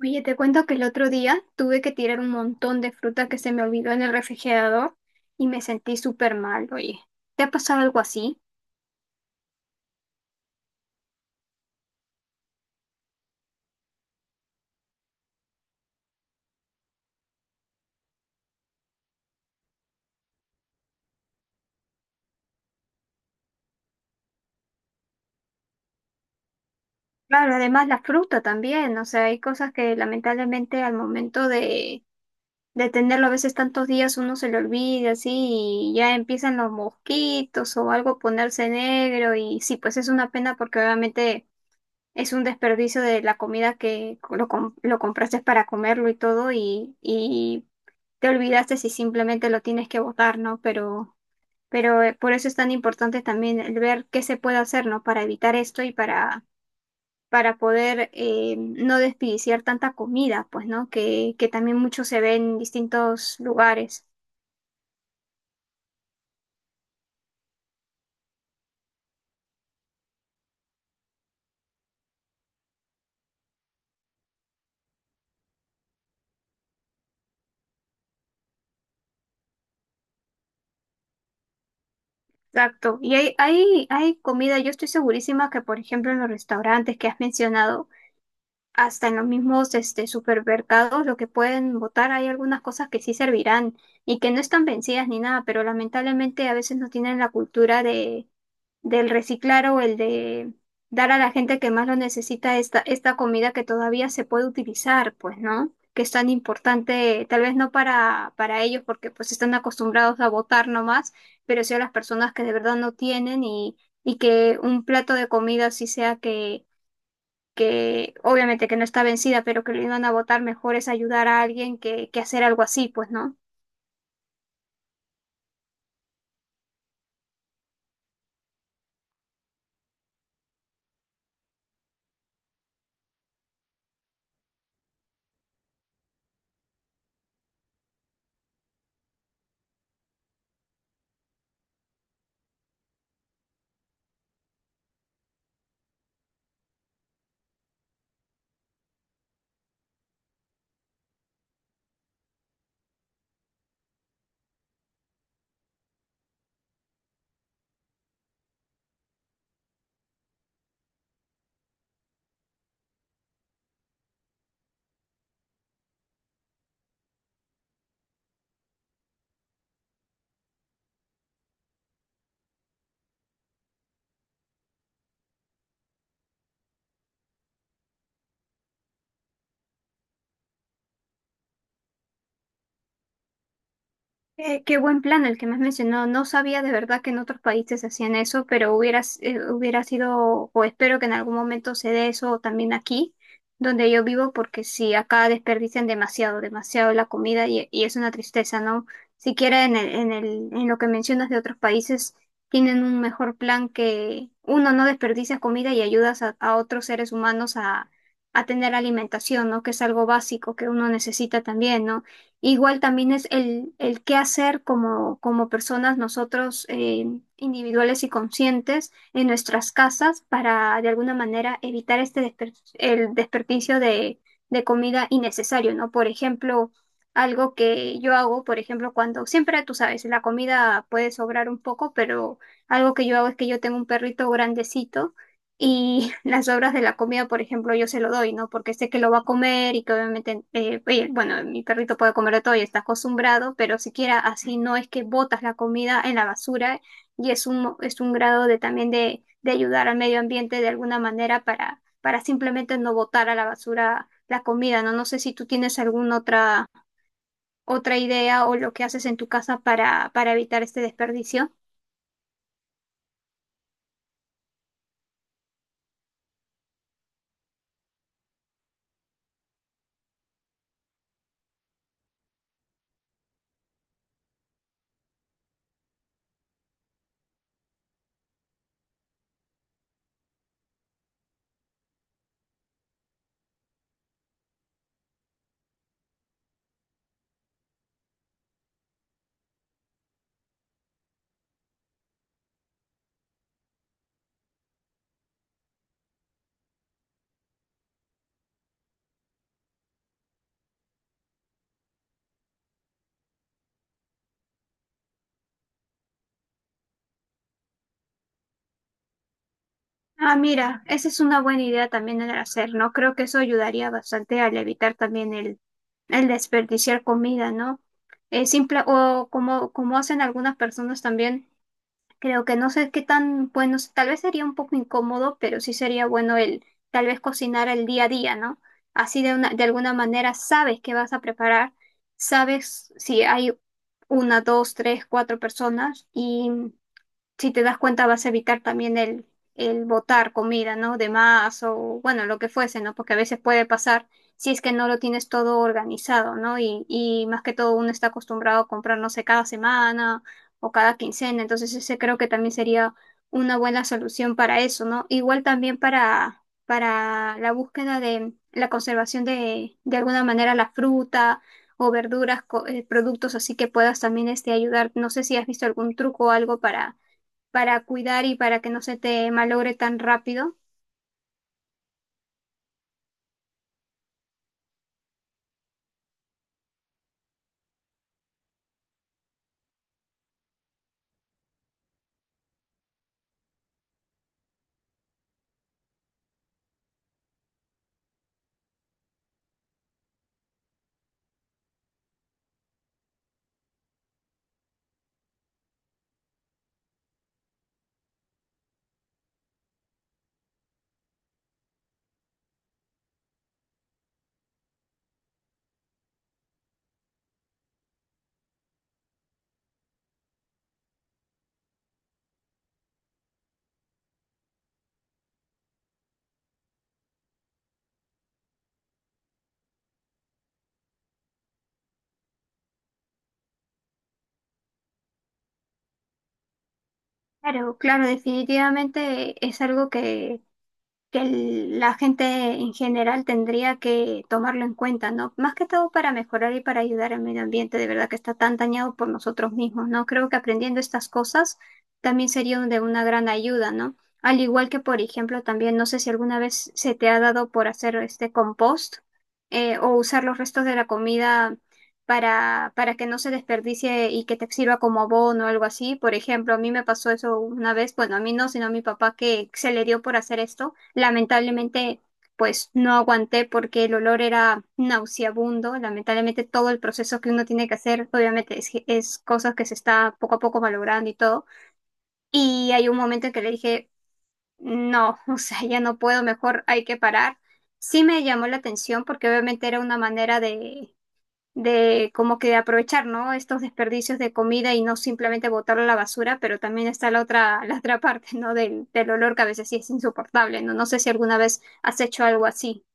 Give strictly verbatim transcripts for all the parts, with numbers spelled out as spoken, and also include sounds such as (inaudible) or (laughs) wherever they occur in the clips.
Oye, te cuento que el otro día tuve que tirar un montón de fruta que se me olvidó en el refrigerador y me sentí súper mal, oye. ¿Te ha pasado algo así? Claro, además la fruta también, o sea, hay cosas que lamentablemente al momento de, de tenerlo a veces tantos días uno se le olvida así y ya empiezan los mosquitos o algo a ponerse negro y sí, pues es una pena porque obviamente es un desperdicio de la comida que lo, com- lo compraste para comerlo y todo y, y te olvidaste si simplemente lo tienes que botar, ¿no? Pero, pero eh, por eso es tan importante también el ver qué se puede hacer, ¿no? Para evitar esto y para, para poder eh, no desperdiciar tanta comida, pues, ¿no? Que, que también mucho se ve en distintos lugares. Exacto. Y hay, hay, hay comida, yo estoy segurísima que, por ejemplo, en los restaurantes que has mencionado, hasta en los mismos este, supermercados, lo que pueden votar, hay algunas cosas que sí servirán y que no están vencidas ni nada, pero lamentablemente a veces no tienen la cultura de, del reciclar o el de dar a la gente que más lo necesita esta, esta comida que todavía se puede utilizar, pues, ¿no? Que es tan importante, tal vez no para, para ellos porque pues están acostumbrados a votar nomás, pero sí a las personas que de verdad no tienen y, y que un plato de comida sí sea que que obviamente que no está vencida, pero que lo iban a votar mejor es ayudar a alguien que, que hacer algo así, pues, ¿no? Eh, qué buen plan el que me has mencionado. No sabía de verdad que en otros países hacían eso, pero hubiera, s- eh, hubiera sido, o espero que en algún momento se dé eso también aquí, donde yo vivo, porque si acá desperdician demasiado, demasiado la comida y, y es una tristeza, ¿no? Siquiera en el, en el, en lo que mencionas de otros países, tienen un mejor plan que uno no desperdicia comida y ayudas a, a otros seres humanos a, a tener alimentación, ¿no? Que es algo básico que uno necesita también, ¿no? Igual también es el, el qué hacer como, como personas nosotros eh, individuales y conscientes en nuestras casas para de alguna manera evitar este desper- el desperdicio de, de comida innecesario, ¿no? Por ejemplo, algo que yo hago, por ejemplo, cuando siempre, tú sabes, la comida puede sobrar un poco, pero algo que yo hago es que yo tengo un perrito grandecito y (laughs) las obras de la comida, por ejemplo, yo se lo doy, ¿no? Porque sé que lo va a comer y que obviamente, eh, oye, bueno, mi perrito puede comer de todo y está acostumbrado, pero siquiera así no es que botas la comida en la basura y es un, es un grado de también de, de ayudar al medio ambiente de alguna manera para, para simplemente no botar a la basura la comida, ¿no? No sé si tú tienes alguna otra, otra idea o lo que haces en tu casa para, para evitar este desperdicio. Ah, mira, esa es una buena idea también el hacer, ¿no? Creo que eso ayudaría bastante al evitar también el, el desperdiciar comida, ¿no? Eh, simple, o como, como hacen algunas personas también, creo que no sé qué tan bueno, tal vez sería un poco incómodo, pero sí sería bueno el tal vez cocinar el día a día, ¿no? Así de una, de alguna manera sabes qué vas a preparar, sabes si hay una, dos, tres, cuatro personas y si te das cuenta, vas a evitar también el, el botar comida, ¿no? De más o, bueno, lo que fuese, ¿no? Porque a veces puede pasar si es que no lo tienes todo organizado, ¿no? Y, y más que todo uno está acostumbrado a comprar, no sé, cada semana o cada quincena. Entonces, ese creo que también sería una buena solución para eso, ¿no? Igual también para, para la búsqueda de la conservación de, de alguna manera, la fruta o verduras, co- eh, productos así que puedas también este, ayudar. No sé si has visto algún truco o algo para para cuidar y para que no se te malogre tan rápido. Claro, claro, definitivamente es algo que que el- la gente en general tendría que tomarlo en cuenta, ¿no? Más que todo para mejorar y para ayudar al medio ambiente, de verdad que está tan dañado por nosotros mismos, ¿no? Creo que aprendiendo estas cosas también sería de una gran ayuda, ¿no? Al igual que, por ejemplo, también no sé si alguna vez se te ha dado por hacer este compost eh, o usar los restos de la comida para, para que no se desperdicie y que te sirva como abono o algo así. Por ejemplo, a mí me pasó eso una vez, bueno, a mí no, sino a mi papá que se le dio por hacer esto. Lamentablemente, pues no aguanté porque el olor era nauseabundo. Lamentablemente, todo el proceso que uno tiene que hacer, obviamente, es, es cosas que se está poco a poco valorando y todo. Y hay un momento en que le dije, no, (laughs) o sea, ya no puedo, mejor hay que parar. Sí me llamó la atención porque obviamente era una manera de de como que aprovechar, ¿no? Estos desperdicios de comida y no simplemente botarlo a la basura, pero también está la otra, (laughs) la otra parte, ¿no? Del, del olor que a veces sí es insoportable, ¿no? No sé si alguna vez has hecho algo así.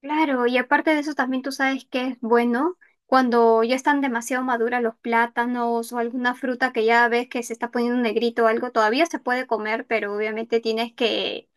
Claro, y aparte de eso también tú sabes que es bueno cuando ya están demasiado maduras los plátanos o alguna fruta que ya ves que se está poniendo negrito o algo, todavía se puede comer, pero obviamente tienes que,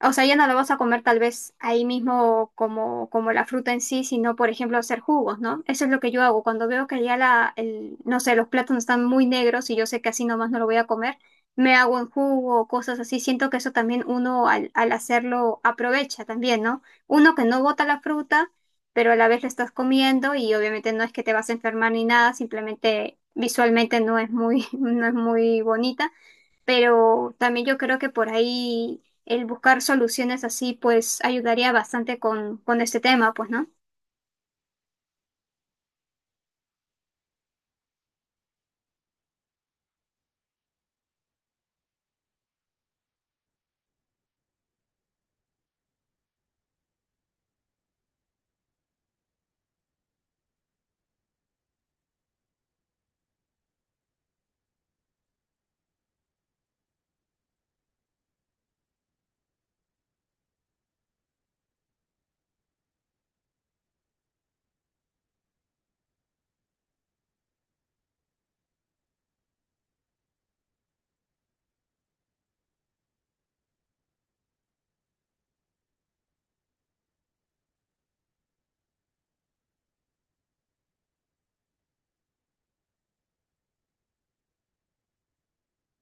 o sea, ya no lo vas a comer tal vez ahí mismo como, como la fruta en sí, sino por ejemplo hacer jugos, ¿no? Eso es lo que yo hago. Cuando veo que ya la, el, no sé, los plátanos están muy negros y yo sé que así nomás no lo voy a comer, me hago en jugo o cosas así. Siento que eso también uno al, al hacerlo aprovecha también, ¿no? Uno que no bota la fruta, pero a la vez la estás comiendo y obviamente no es que te vas a enfermar ni nada, simplemente visualmente no es muy, (laughs) no es muy bonita, pero también yo creo que por ahí el buscar soluciones así pues ayudaría bastante con, con este tema, pues, ¿no?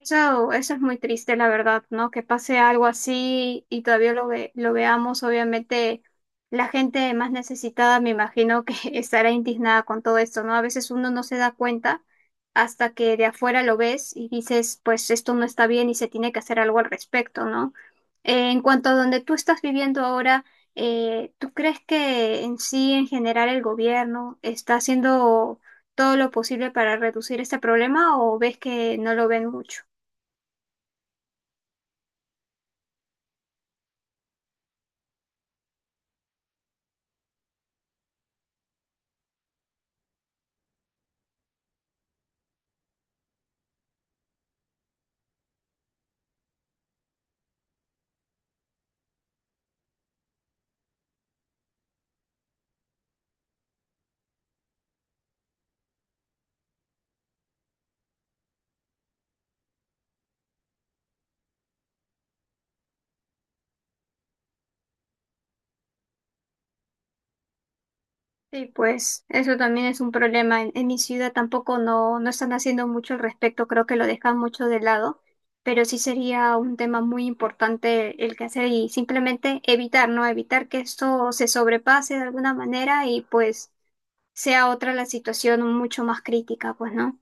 Eso, eso es muy triste, la verdad, ¿no? Que pase algo así y todavía lo ve, lo veamos. Obviamente, la gente más necesitada, me imagino que (laughs) estará indignada con todo esto, ¿no? A veces uno no se da cuenta hasta que de afuera lo ves y dices, pues esto no está bien y se tiene que hacer algo al respecto, ¿no? Eh, en cuanto a donde tú estás viviendo ahora, eh, ¿tú crees que en sí, en general, el gobierno está haciendo todo lo posible para reducir este problema o ves que no lo ven mucho? Sí, pues eso también es un problema. En, en mi ciudad tampoco no, no están haciendo mucho al respecto, creo que lo dejan mucho de lado, pero sí sería un tema muy importante el que hacer y simplemente evitar, ¿no? Evitar que esto se sobrepase de alguna manera y pues sea otra la situación mucho más crítica, pues, ¿no?